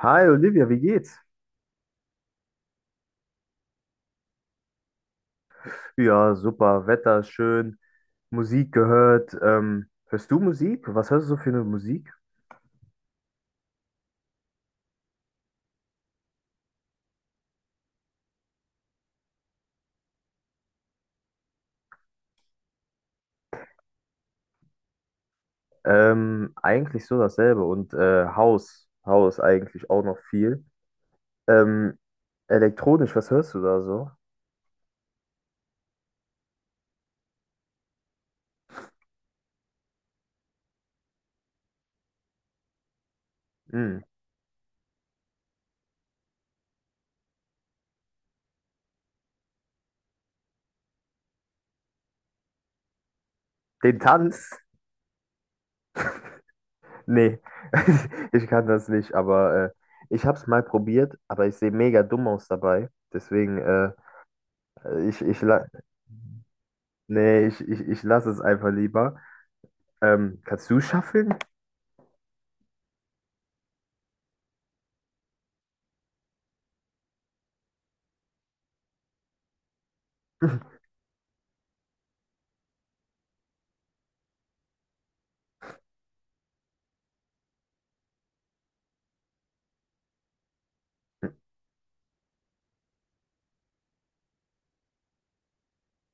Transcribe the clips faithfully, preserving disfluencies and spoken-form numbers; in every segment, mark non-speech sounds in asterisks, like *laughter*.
Hi Olivia, wie geht's? Ja, super, Wetter ist schön, Musik gehört. Ähm, hörst du Musik? Was hörst du so für eine Musik? Ähm, eigentlich so dasselbe und äh, House, House eigentlich auch noch viel. Ähm, Elektronisch, was hörst du da so? Hm, Den Tanz? Nee, *laughs* ich kann das nicht, aber äh, ich hab's mal probiert, aber ich sehe mega dumm aus dabei. Deswegen, äh, ich, ich, la- nee, ich, ich, ich lasse es einfach lieber. Ähm, kannst du shufflen? *laughs*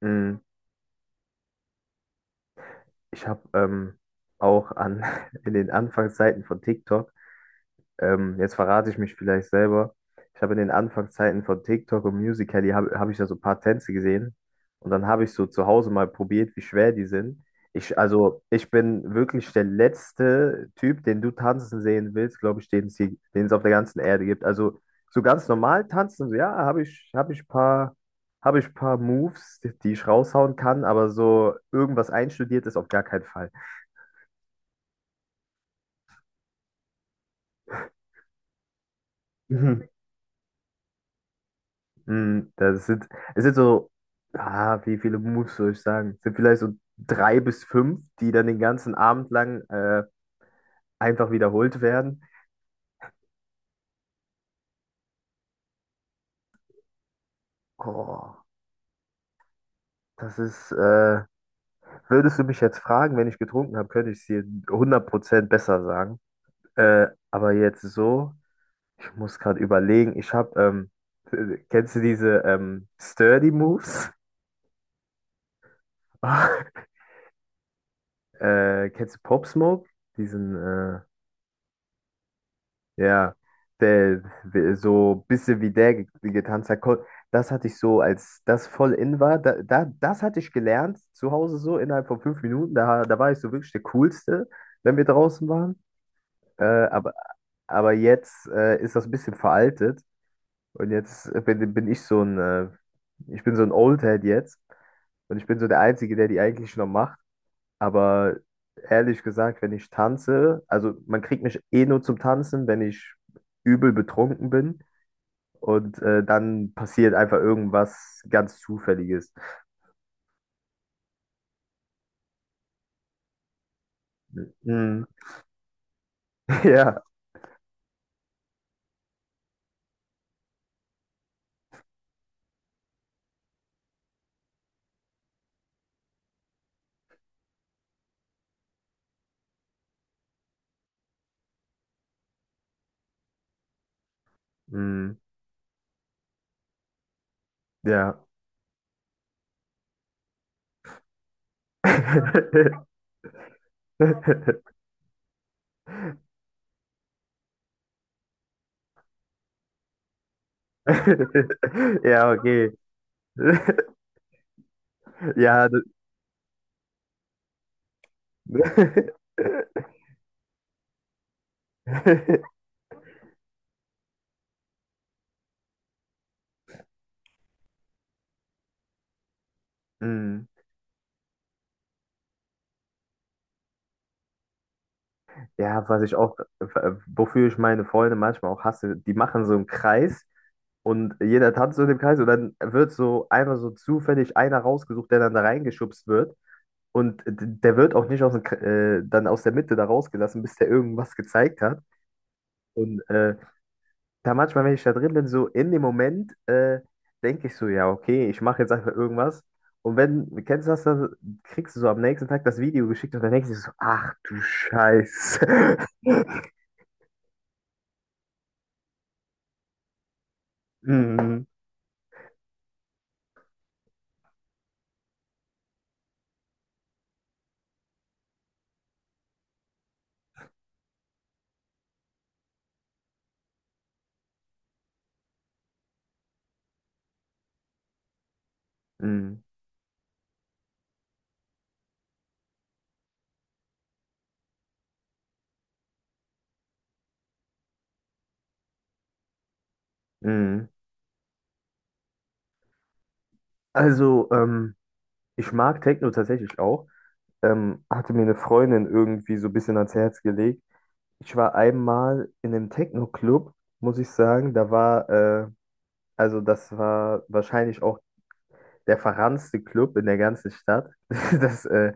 Mm, Ich habe ähm, auch an, *laughs* in den Anfangszeiten von TikTok. Ähm, jetzt verrate ich mich vielleicht selber. Ich habe in den Anfangszeiten von TikTok und Musical.ly habe hab hab ich da so ein paar Tänze gesehen. Und dann habe ich so zu Hause mal probiert, wie schwer die sind. Ich, also, ich bin wirklich der letzte Typ, den du tanzen sehen willst, glaube ich, den es hier, den es auf der ganzen Erde gibt. Also, so ganz normal tanzen, so, ja, habe ich, habe ich paar, habe ich paar Moves, die ich raushauen kann, aber so irgendwas einstudiertes auf gar keinen Fall. *laughs* Mm, Das sind, es sind so, ah, wie viele Moves soll ich sagen? Es sind vielleicht so drei bis fünf, die dann den ganzen Abend lang äh, einfach wiederholt werden. Oh, das ist, äh, würdest du mich jetzt fragen, wenn ich getrunken habe, könnte ich es dir hundert Prozent besser sagen. Äh, aber jetzt so, ich muss gerade überlegen, ich habe, ähm, *laughs* äh, kennst du diese ähm, Sturdy Moves? *laughs* Äh, kennst du Pop Smoke? Diesen, äh, Ja, der, der- so bisschen wie der ge- getanzt hat, ko- das hatte ich so, als das voll in war, da, da, das hatte ich gelernt zu Hause so innerhalb von fünf Minuten, da, da war ich so wirklich der Coolste, wenn wir draußen waren, äh, aber, aber jetzt äh, ist das ein bisschen veraltet und jetzt bin, bin ich so ein, äh, ich bin so ein Oldhead jetzt und ich bin so der Einzige, der die eigentlich noch macht. Aber ehrlich gesagt, wenn ich tanze, also, man kriegt mich eh nur zum Tanzen, wenn ich übel betrunken bin. Und äh, dann passiert einfach irgendwas ganz Zufälliges. Mm. *laughs* Ja, mm, ja. *laughs* Ja, okay. *laughs* Ja, das, *laughs* Mm. Ja, was ich auch, wofür ich meine Freunde manchmal auch hasse, die machen so einen Kreis. Und jeder tanzt so in dem Kreis und dann wird so einmal so zufällig einer rausgesucht, der dann da reingeschubst wird. Und d- der wird auch nicht aus dem, K- äh, dann aus der Mitte da rausgelassen, bis der irgendwas gezeigt hat. Und äh, da manchmal, wenn ich da drin bin, so in dem Moment, äh, denke ich so, ja, okay, ich mache jetzt einfach irgendwas. Und wenn, kennst du das, dann kriegst du so am nächsten Tag das Video geschickt und dann denkst du so, ach du Scheiße. *laughs* Mm, mm, mm. Also, ähm, ich mag Techno tatsächlich auch. Ähm, hatte mir eine Freundin irgendwie so ein bisschen ans Herz gelegt. Ich war einmal in einem Techno-Club, muss ich sagen. Da war, äh, also das war wahrscheinlich auch der verranzte Club in der ganzen Stadt. *laughs* Das, äh,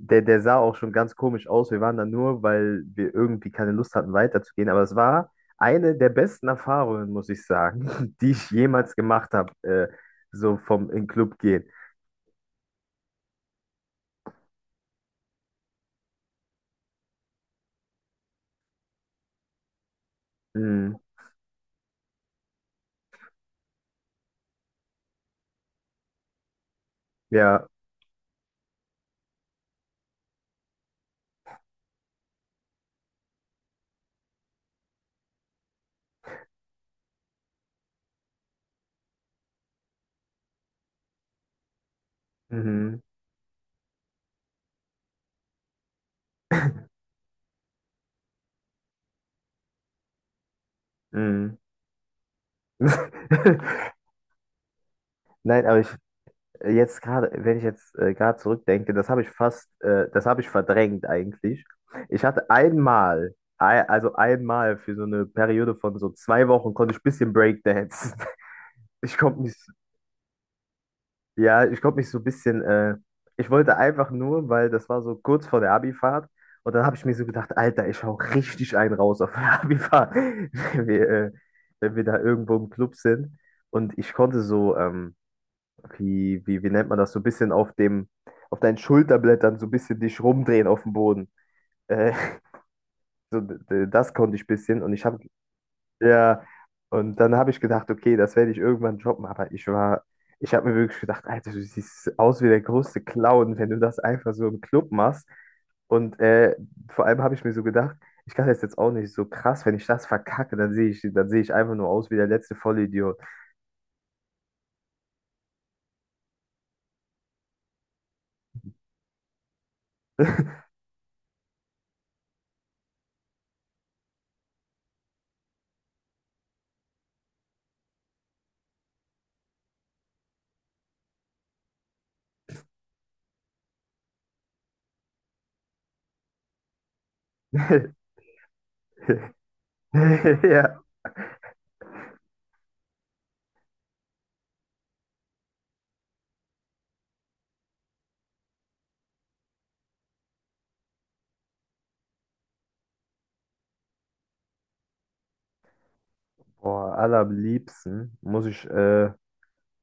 der, der sah auch schon ganz komisch aus. Wir waren da nur, weil wir irgendwie keine Lust hatten, weiterzugehen. Aber es war eine der besten Erfahrungen, muss ich sagen, *laughs* die ich jemals gemacht habe, äh, so vom in den Club gehen. Mm, ja, mhm, mm. *laughs* Nein, aber ich, Äh, jetzt gerade, wenn ich jetzt äh, gerade zurückdenke, das habe ich fast, äh, das habe ich verdrängt eigentlich. Ich hatte einmal, ei- also einmal für so eine Periode von so zwei Wochen konnte ich ein bisschen Breakdancen. *laughs* Ich konnte mich, ja, ich konnte mich so ein bisschen, äh, ich wollte einfach nur, weil das war so kurz vor der Abifahrt und dann habe ich mir so gedacht, Alter, ich hau richtig einen raus auf der *laughs* Abifahrt, wenn wir, äh, wenn wir da irgendwo im Club sind. Und ich konnte so, ähm, wie, wie, wie nennt man das, so ein bisschen auf dem, auf deinen Schulterblättern so ein bisschen dich rumdrehen auf dem Boden. Äh, *laughs* so, d- das konnte ich ein bisschen und ich habe, ja, und dann habe ich gedacht, okay, das werde ich irgendwann droppen, aber ich war, ich habe mir wirklich gedacht, Alter, du siehst aus wie der größte Clown, wenn du das einfach so im Club machst. Und äh, vor allem habe ich mir so gedacht, ich kann das jetzt auch nicht so krass, wenn ich das verkacke, dann sehe ich, dann sehe ich einfach nur aus wie der letzte Vollidiot. *laughs* Ja. Boah, allerliebsten muss ich äh,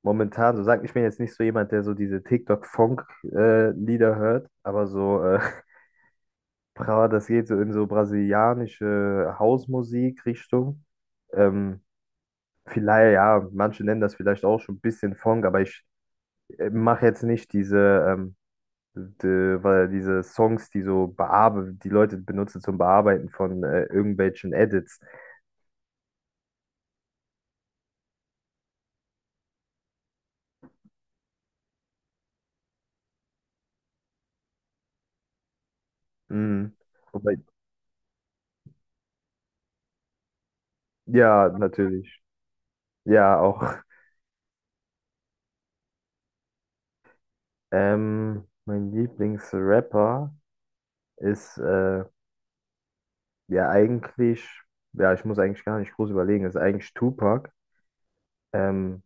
momentan so sagen, ich bin jetzt nicht so jemand, der so diese TikTok-Funk-Lieder hört, aber so, äh, *laughs* Brava, das geht so in so brasilianische Hausmusik-Richtung. Ähm, Vielleicht, ja, manche nennen das vielleicht auch schon ein bisschen Funk, aber ich äh, mache jetzt nicht diese, ähm, die, weil diese Songs, die so bearbe die Leute benutzen zum Bearbeiten von äh, irgendwelchen Edits. Mhm. Wobei, ja, natürlich. Ja, auch. Ähm, mein Lieblingsrapper ist äh, ja eigentlich, ja, ich muss eigentlich gar nicht groß überlegen, ist eigentlich Tupac. Ähm,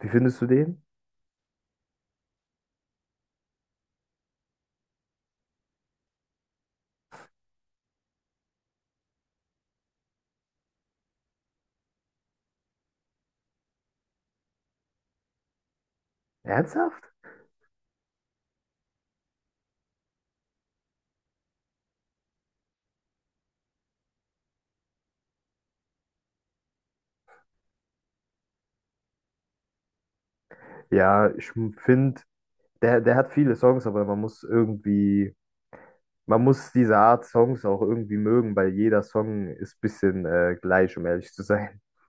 Wie findest du den? Ernsthaft? Ja, ich finde, der, der hat viele Songs, aber man muss irgendwie, man muss diese Art Songs auch irgendwie mögen, weil jeder Song ist ein bisschen äh, gleich, um ehrlich zu sein. *laughs*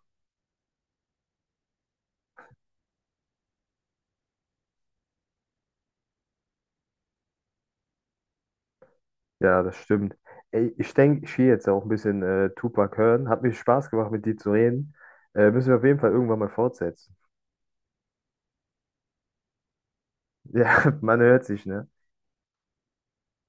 Ja, das stimmt. Ey, ich denke, ich gehe jetzt auch ein bisschen äh, Tupac hören. Hat mir Spaß gemacht, mit dir zu reden. Äh, müssen wir auf jeden Fall irgendwann mal fortsetzen. Ja, *laughs* man hört sich, ne?